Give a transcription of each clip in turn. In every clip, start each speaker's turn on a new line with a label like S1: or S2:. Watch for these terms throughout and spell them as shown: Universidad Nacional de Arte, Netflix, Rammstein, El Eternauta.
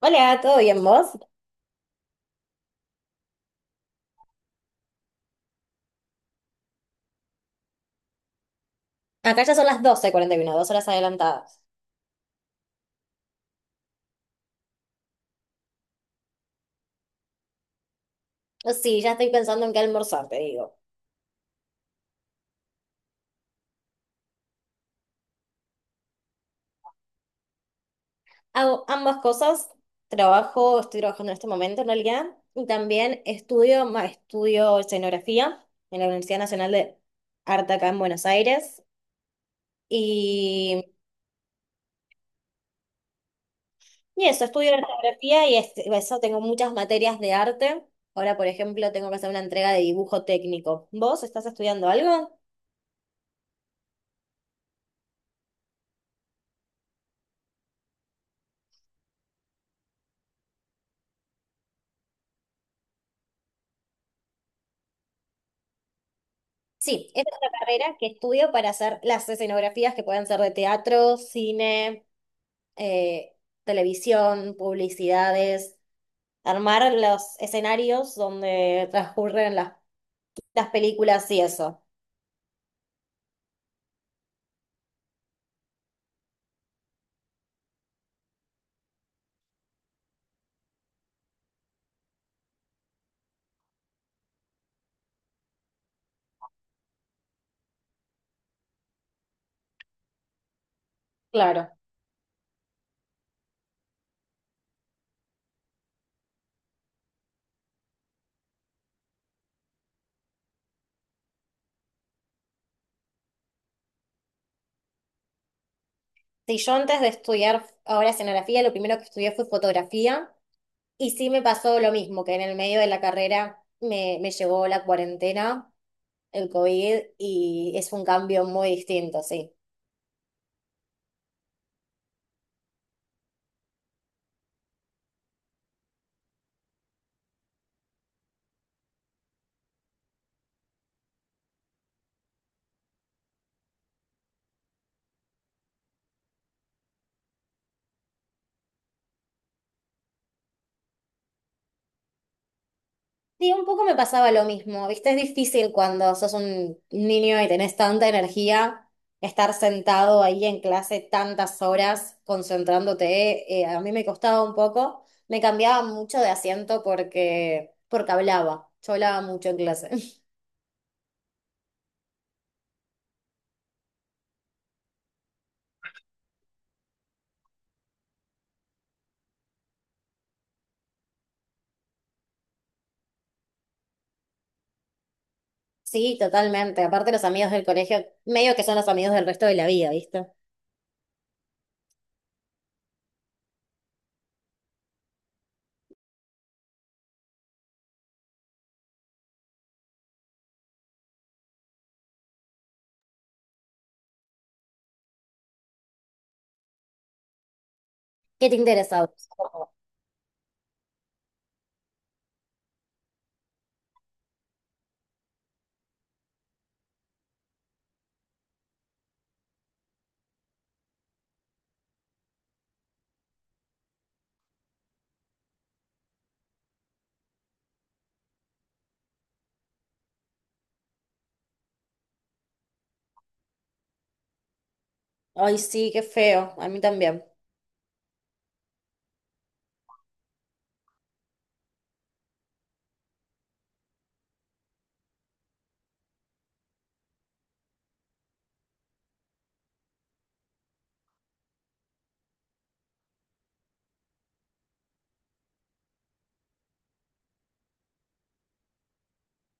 S1: Hola, ¿todo bien vos? Acá ya son las 12:41, dos horas adelantadas. Sí, ya estoy pensando en qué almorzar, te digo. Hago ambas cosas, trabajo, estoy trabajando en este momento en realidad, y también estudio, estudio escenografía en la Universidad Nacional de Arte acá en Buenos Aires. Y, y eso, estudio escenografía y eso tengo muchas materias de arte. Ahora, por ejemplo, tengo que hacer una entrega de dibujo técnico. ¿Vos estás estudiando algo? Sí, esta es una carrera que estudio para hacer las escenografías que pueden ser de teatro, cine, eh, televisión, publicidades, armar los escenarios donde transcurren las películas y eso. Claro. Sí, yo antes de estudiar ahora escenografía, lo primero que estudié fue fotografía y sí me pasó lo mismo, que en el medio de la carrera me llegó la cuarentena, el COVID y es un cambio muy distinto, sí. Sí, un poco me pasaba lo mismo, ¿viste? Es difícil cuando sos un niño y tenés tanta energía estar sentado ahí en clase tantas horas concentrándote. A mí me costaba un poco, me cambiaba mucho de asiento porque, porque hablaba, yo hablaba mucho en clase. Sí, totalmente. Aparte los amigos del colegio, medio que son los amigos del resto de la vida, ¿viste? ¿Qué te interesa? ¿A vos? Ay, sí, qué feo, a mí también.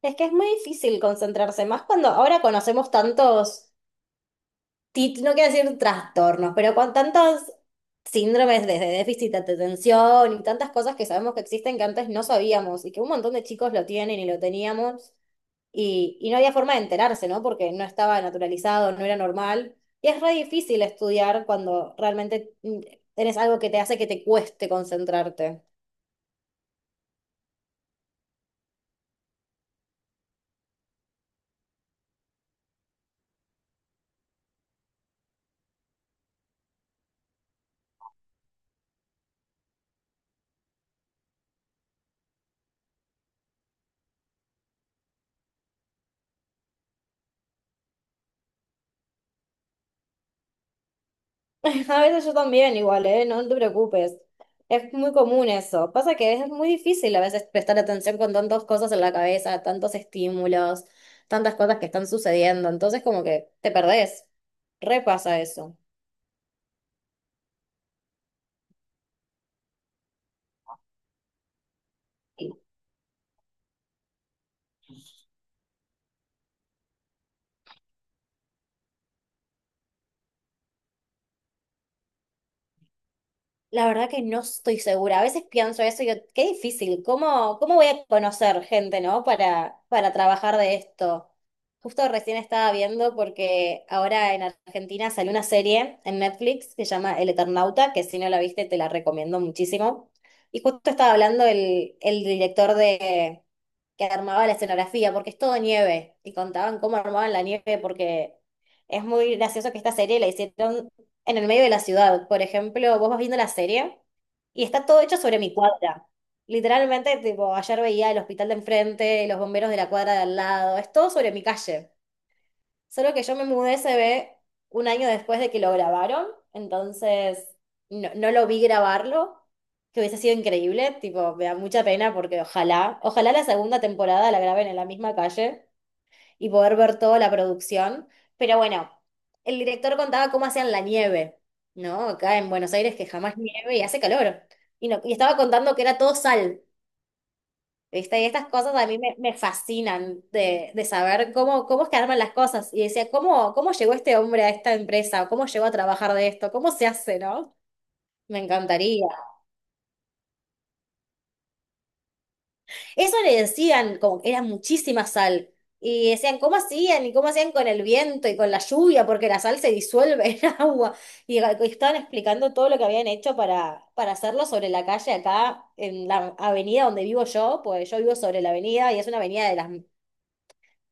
S1: Es que es muy difícil concentrarse, más cuando ahora conocemos tantos no quiero decir trastornos, pero con tantos síndromes desde déficit de atención y tantas cosas que sabemos que existen que antes no sabíamos y que un montón de chicos lo tienen y lo teníamos y no había forma de enterarse, ¿no? Porque no estaba naturalizado, no era normal. Y es re difícil estudiar cuando realmente tenés algo que te hace que te cueste concentrarte. A veces yo también igual, ¿eh? No, no te preocupes. Es muy común eso. Pasa que es muy difícil a veces prestar atención con tantas cosas en la cabeza, tantos estímulos, tantas cosas que están sucediendo. Entonces como que te perdés. Repasa eso. La verdad que no estoy segura. A veces pienso eso y digo, qué difícil. ¿Cómo voy a conocer gente, ¿no? Para trabajar de esto. Justo recién estaba viendo porque ahora en Argentina salió una serie en Netflix que se llama El Eternauta, que si no la viste te la recomiendo muchísimo. Y justo estaba hablando el director de, que armaba la escenografía, porque es todo nieve, y contaban cómo armaban la nieve, porque es muy gracioso que esta serie la hicieron en el medio de la ciudad. Por ejemplo, vos vas viendo la serie y está todo hecho sobre mi cuadra. Literalmente, tipo, ayer veía el hospital de enfrente, los bomberos de la cuadra de al lado, es todo sobre mi calle. Solo que yo me mudé, se ve, un año después de que lo grabaron, entonces no, no lo vi grabarlo, que hubiese sido increíble, tipo, me da mucha pena porque ojalá, ojalá la segunda temporada la graben en la misma calle y poder ver toda la producción, pero bueno, el director contaba cómo hacían la nieve, ¿no? Acá en Buenos Aires que jamás nieve y hace calor, y, no, y estaba contando que era todo sal, ¿viste? Y estas cosas a mí me fascinan de saber cómo, cómo es que arman las cosas. Y decía, ¿cómo llegó este hombre a esta empresa? ¿Cómo llegó a trabajar de esto? ¿Cómo se hace, no? Me encantaría. Eso le decían, como que era muchísima sal. Y decían, ¿cómo hacían? ¿Y cómo hacían con el viento y con la lluvia? Porque la sal se disuelve en agua. Y, estaban explicando todo lo que habían hecho para hacerlo sobre la calle acá, en la avenida donde vivo yo. Pues yo vivo sobre la avenida y es una avenida de las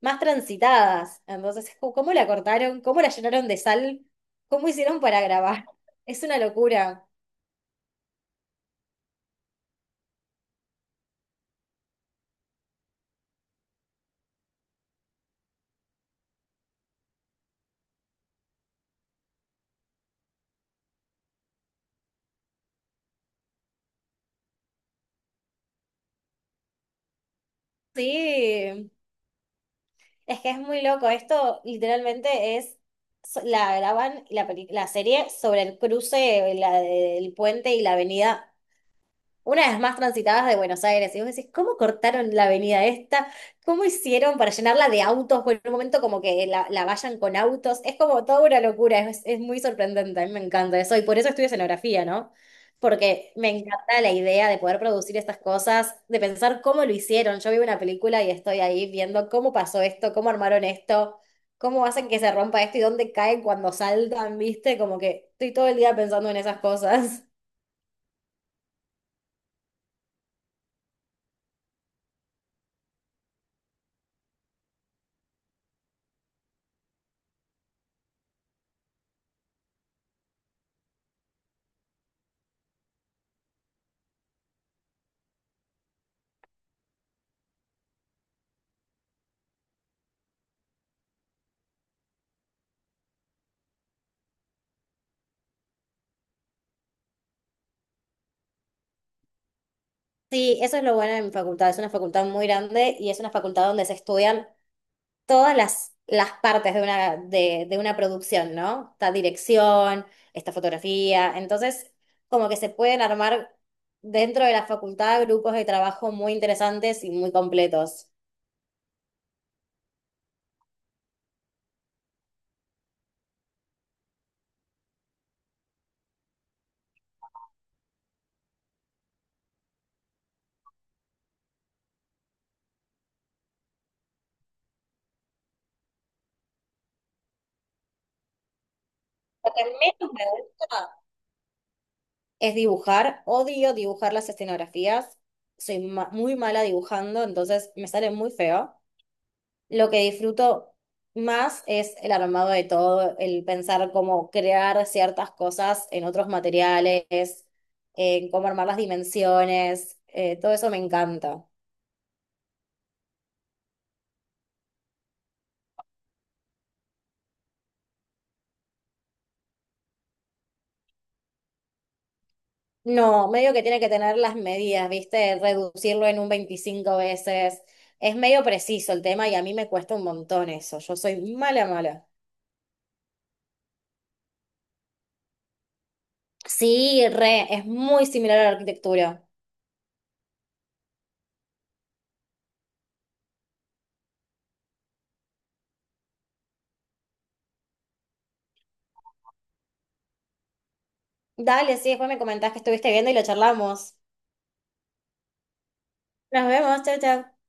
S1: más transitadas. Entonces, ¿cómo la cortaron? ¿Cómo la llenaron de sal? ¿Cómo hicieron para grabar? Es una locura. Sí, es que es muy loco. Esto literalmente es, la graban la, la serie sobre el cruce, la del puente y la avenida una de las más transitadas de Buenos Aires. Y vos decís, ¿cómo cortaron la avenida esta? ¿Cómo hicieron para llenarla de autos? Por un momento como que la vayan con autos. Es como toda una locura, es muy sorprendente, a mí me encanta eso. Y por eso estudio escenografía, ¿no? Porque me encanta la idea de poder producir estas cosas, de pensar cómo lo hicieron. Yo veo una película y estoy ahí viendo cómo pasó esto, cómo armaron esto. ¿Cómo hacen que se rompa esto y dónde caen cuando saltan, viste? Como que estoy todo el día pensando en esas cosas. Sí, eso es lo bueno de mi facultad. Es una facultad muy grande y es una facultad donde se estudian todas las partes de una producción, ¿no? Está dirección, está fotografía. Entonces, como que se pueden armar dentro de la facultad grupos de trabajo muy interesantes y muy completos. Lo que menos me gusta es dibujar. Odio dibujar las escenografías. Soy muy mala dibujando, entonces me sale muy feo. Lo que disfruto más es el armado de todo, el pensar cómo crear ciertas cosas en otros materiales, en cómo armar las dimensiones, todo eso me encanta. No, medio que tiene que tener las medidas, ¿viste? Reducirlo en un 25 veces. Es medio preciso el tema y a mí me cuesta un montón eso. Yo soy mala, mala. Sí, re, es muy similar a la arquitectura. Dale, sí, después me comentás que estuviste viendo y lo charlamos. Nos vemos, chao, chao.